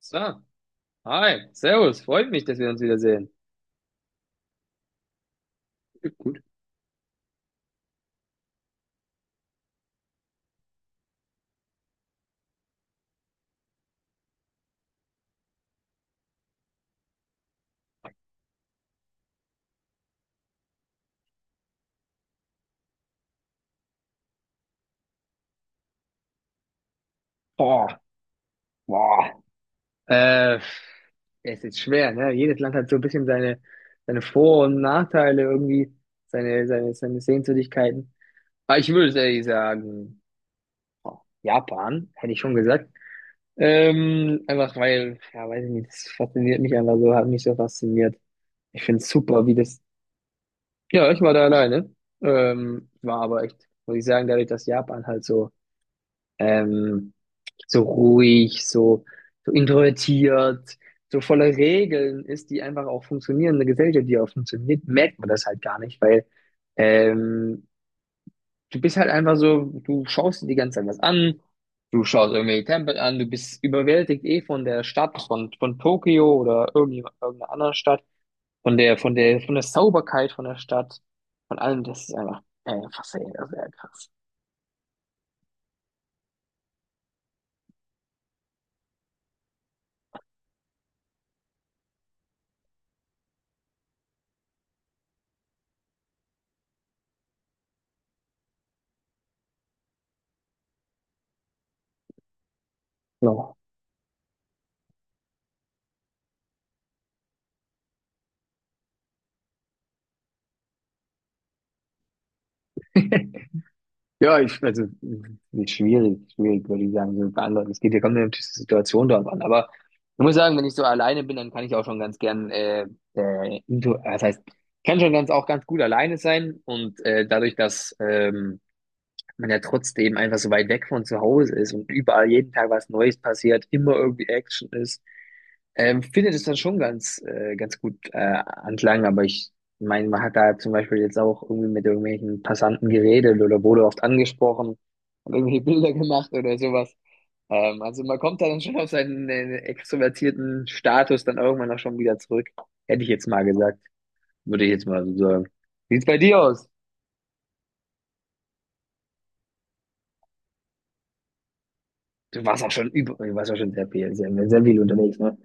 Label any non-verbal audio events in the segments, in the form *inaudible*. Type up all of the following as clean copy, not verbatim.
So, hi, servus, freut mich, dass wir uns wiedersehen. Gut. Boah, boah. Äh, es ist schwer, ne? Jedes Land hat so ein bisschen seine Vor- und Nachteile irgendwie, seine Sehenswürdigkeiten. Aber ich würde ehrlich sagen, boah, Japan, hätte ich schon gesagt. Einfach weil, ja, weiß ich nicht, das fasziniert mich einfach so, hat mich so fasziniert. Ich finde es super, wie das. Ja, ich war da alleine. War aber echt, muss ich sagen, dadurch, dass Japan halt so. ähm, so ruhig, so, so introvertiert, so voller Regeln ist, die einfach auch funktionieren. Eine Gesellschaft, die auch funktioniert, merkt man das halt gar nicht, weil ähm, du bist halt einfach so, du schaust dir die ganze Zeit was an, du schaust irgendwelche Tempel an, du bist überwältigt eh von der Stadt, von Tokio oder irgendeiner anderen Stadt, von der Sauberkeit von der Stadt, von allem, das ist einfach, faszinierend, sehr krass. So. *laughs* Ja, also, ist schwierig, würde ich sagen, so beantworten. Es geht ja kommt ja natürlich die Situation drauf an. Aber ich muss sagen, wenn ich so alleine bin, dann kann ich auch schon ganz gern, das heißt, ich kann schon ganz, auch ganz gut alleine sein. Und dadurch, dass man ja trotzdem einfach so weit weg von zu Hause ist und überall jeden Tag was Neues passiert, immer irgendwie Action ist, finde das dann schon ganz, ganz gut anklang, aber ich meine, man hat da zum Beispiel jetzt auch irgendwie mit irgendwelchen Passanten geredet oder wurde oft angesprochen und irgendwie *laughs* Bilder gemacht oder sowas. Also man kommt da dann schon auf seinen extrovertierten Status dann irgendwann auch schon wieder zurück. Hätte ich jetzt mal gesagt, würde ich jetzt mal so sagen. Sieht's bei dir aus? Du warst auch schon du warst auch schon sehr viel, sehr viel unterwegs, ne?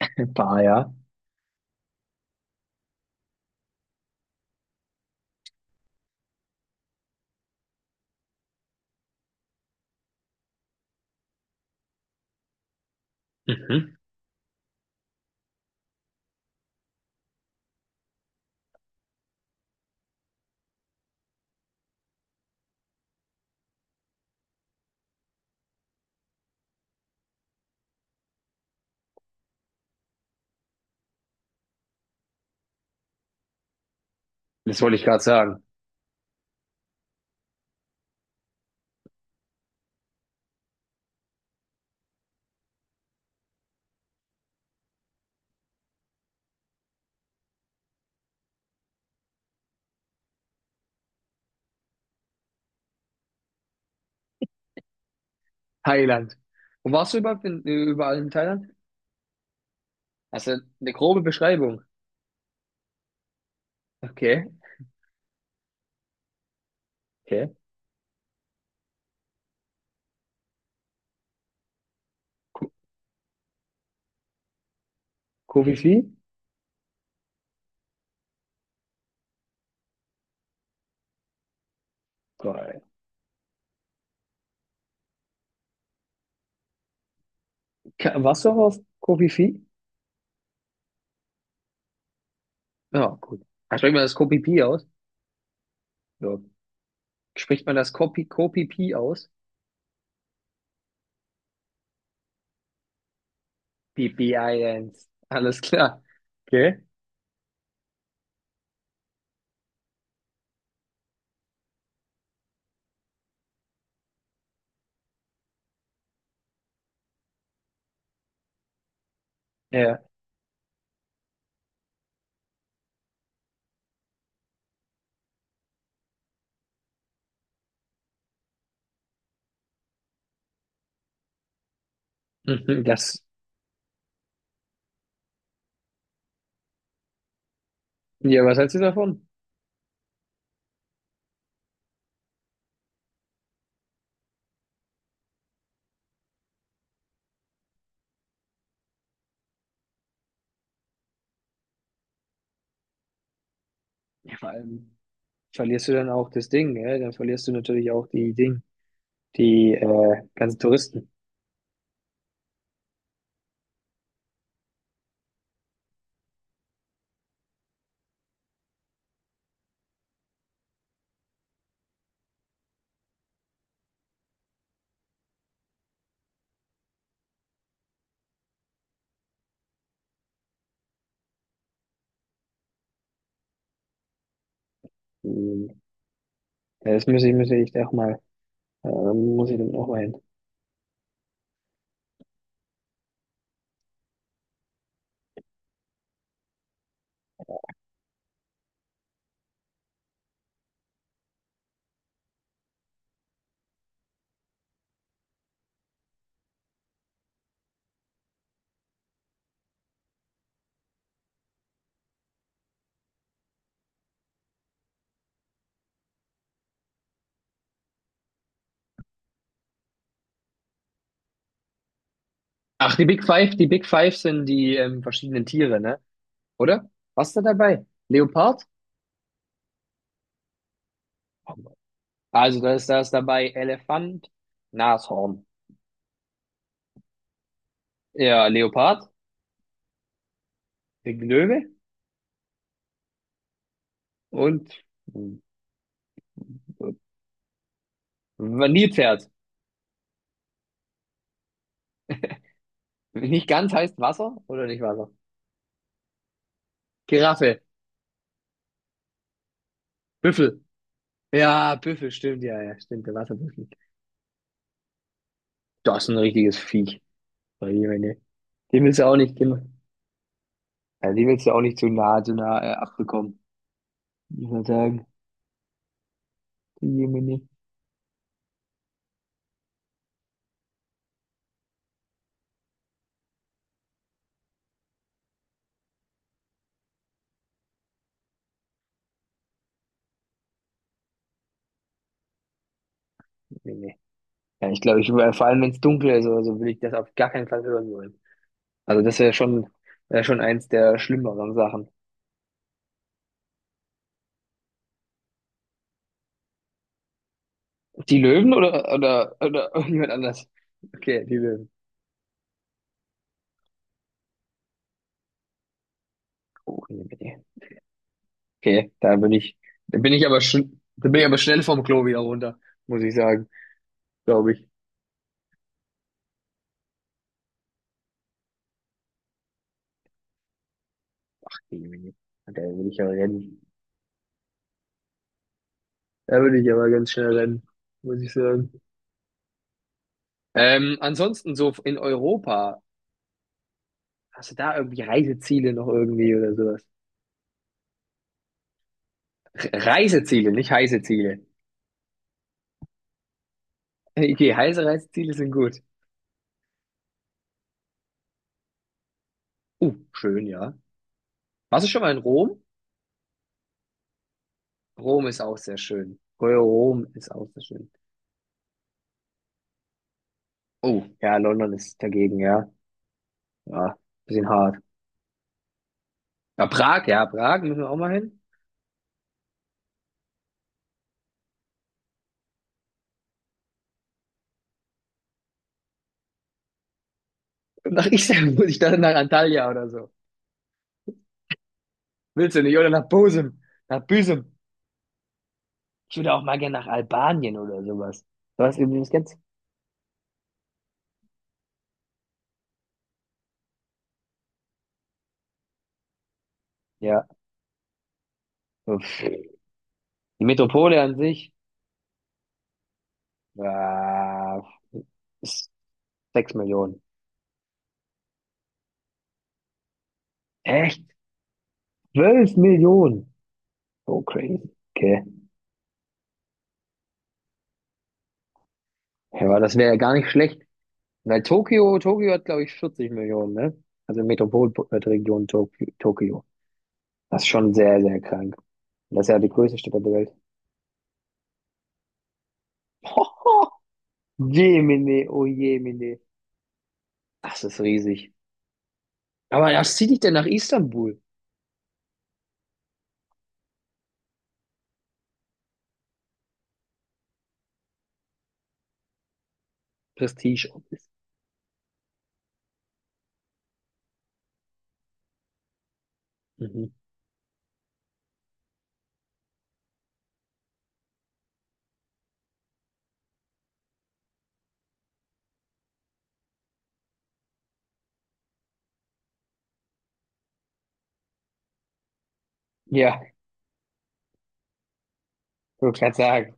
*laughs* Ein paar, ja. Mhm. Das wollte ich gerade sagen. Thailand. Wo warst du überall in Thailand? Also eine grobe Beschreibung. Okay, okay. Ko- Kofi-Fi? Geil. Warst du auch auf Kofi-Fi? Ja, gut. Ah, spricht man das Kopi-Pi aus? Ja. Spricht man das Kopi-Pi aus? Pipi-Islands. Alles klar. Okay. Ja. *laughs* Mhm. Das, ja, was hältst du davon? Ja, vor allem verlierst du dann auch das Ding, gell? Dann verlierst du natürlich auch die Ding, die ganzen Touristen. Die, ja, das muss ich, muss ich dann auch mal hin. Ach, die Big Five sind die verschiedenen Tiere, ne? Oder? Was ist da dabei? Leopard? Also da ist dabei Elefant, Nashorn, ja, Leopard, Löwe und äh, Nilpferd. Nicht ganz heißt Wasser oder nicht Wasser? Giraffe, Büffel. Ja, Büffel, stimmt, ja, ja, stimmt, der Wasserbüffel. Das ist ein richtiges Viech. Meine Güte. Den willst du auch nicht, den, ja, den willst du auch nicht zu nah, zu nah abbekommen. Ich würde sagen, die Jemine. Nee, nee. Ja, ich glaube, vor allem wenn es dunkel ist oder so, will ich das auf gar keinen Fall hören wollen. Also das wäre schon eins der schlimmeren Sachen. Die Löwen oder, oder *laughs* irgendjemand anders? Okay, die Löwen. Oh, nee, nee. Okay, da bin ich aber schon, da bin ich aber schnell vom Klo wieder runter, muss ich sagen, glaube ich. Nee, nee, nee. Da würde ich aber rennen. Da würde ich aber ganz schnell rennen, muss ich sagen. Ansonsten so in Europa, hast du da irgendwie Reiseziele noch irgendwie oder sowas? Reiseziele, nicht heiße Ziele. Okay, heiße Reiseziele sind gut. Schön, ja. Warst du schon mal in Rom? Rom ist auch sehr schön. Oh, Rom ist auch sehr schön. Oh ja, London ist dagegen, ja. Ja, bisschen hart. Ja, Prag müssen wir auch mal hin. Und nach Istanbul, muss ich dann nach Antalya oder so. Willst du nicht? Oder nach Bosum, nach Büsum. Ich würde auch mal gerne nach Albanien oder sowas. Was übrigens ganz, ja. Uff. Die Metropole an sich, äh, ist 6 Millionen. Echt? 12 Millionen? So crazy. Okay. Ja, aber das wäre ja gar nicht schlecht. Weil Tokio, Tokio hat, glaube ich, 40 Millionen, ne? Also Metropolregion Tokio, Tokio. Das ist schon sehr, sehr krank. Das ist ja die größte Stadt der Welt. *laughs* Jemine, oh Jemine. Das ist riesig. Aber das zieht dich dann nach Istanbul. Prestige Office. Mhm. Ja, würde gerade sagen.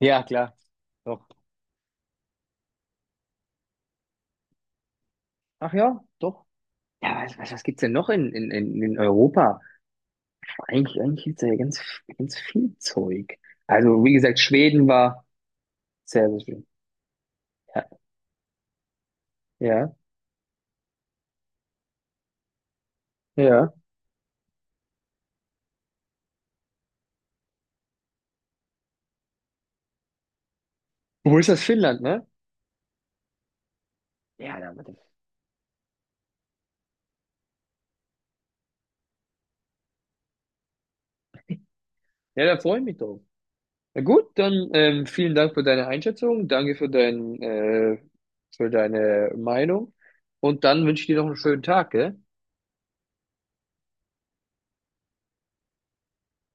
Ja, klar. Doch. Ach ja, doch. Ja, was gibt's denn noch in in Europa? Eigentlich, eigentlich gibt's da ja ganz, ganz viel Zeug. Also, wie gesagt, Schweden war sehr, sehr schön. Ja, ja, ja. Wo ist das Finnland, ne? Ja, da. Ja, da freue ich mich drauf. Na gut, dann vielen Dank für deine Einschätzung, danke für für deine Meinung und dann wünsche ich dir noch einen schönen Tag, gell?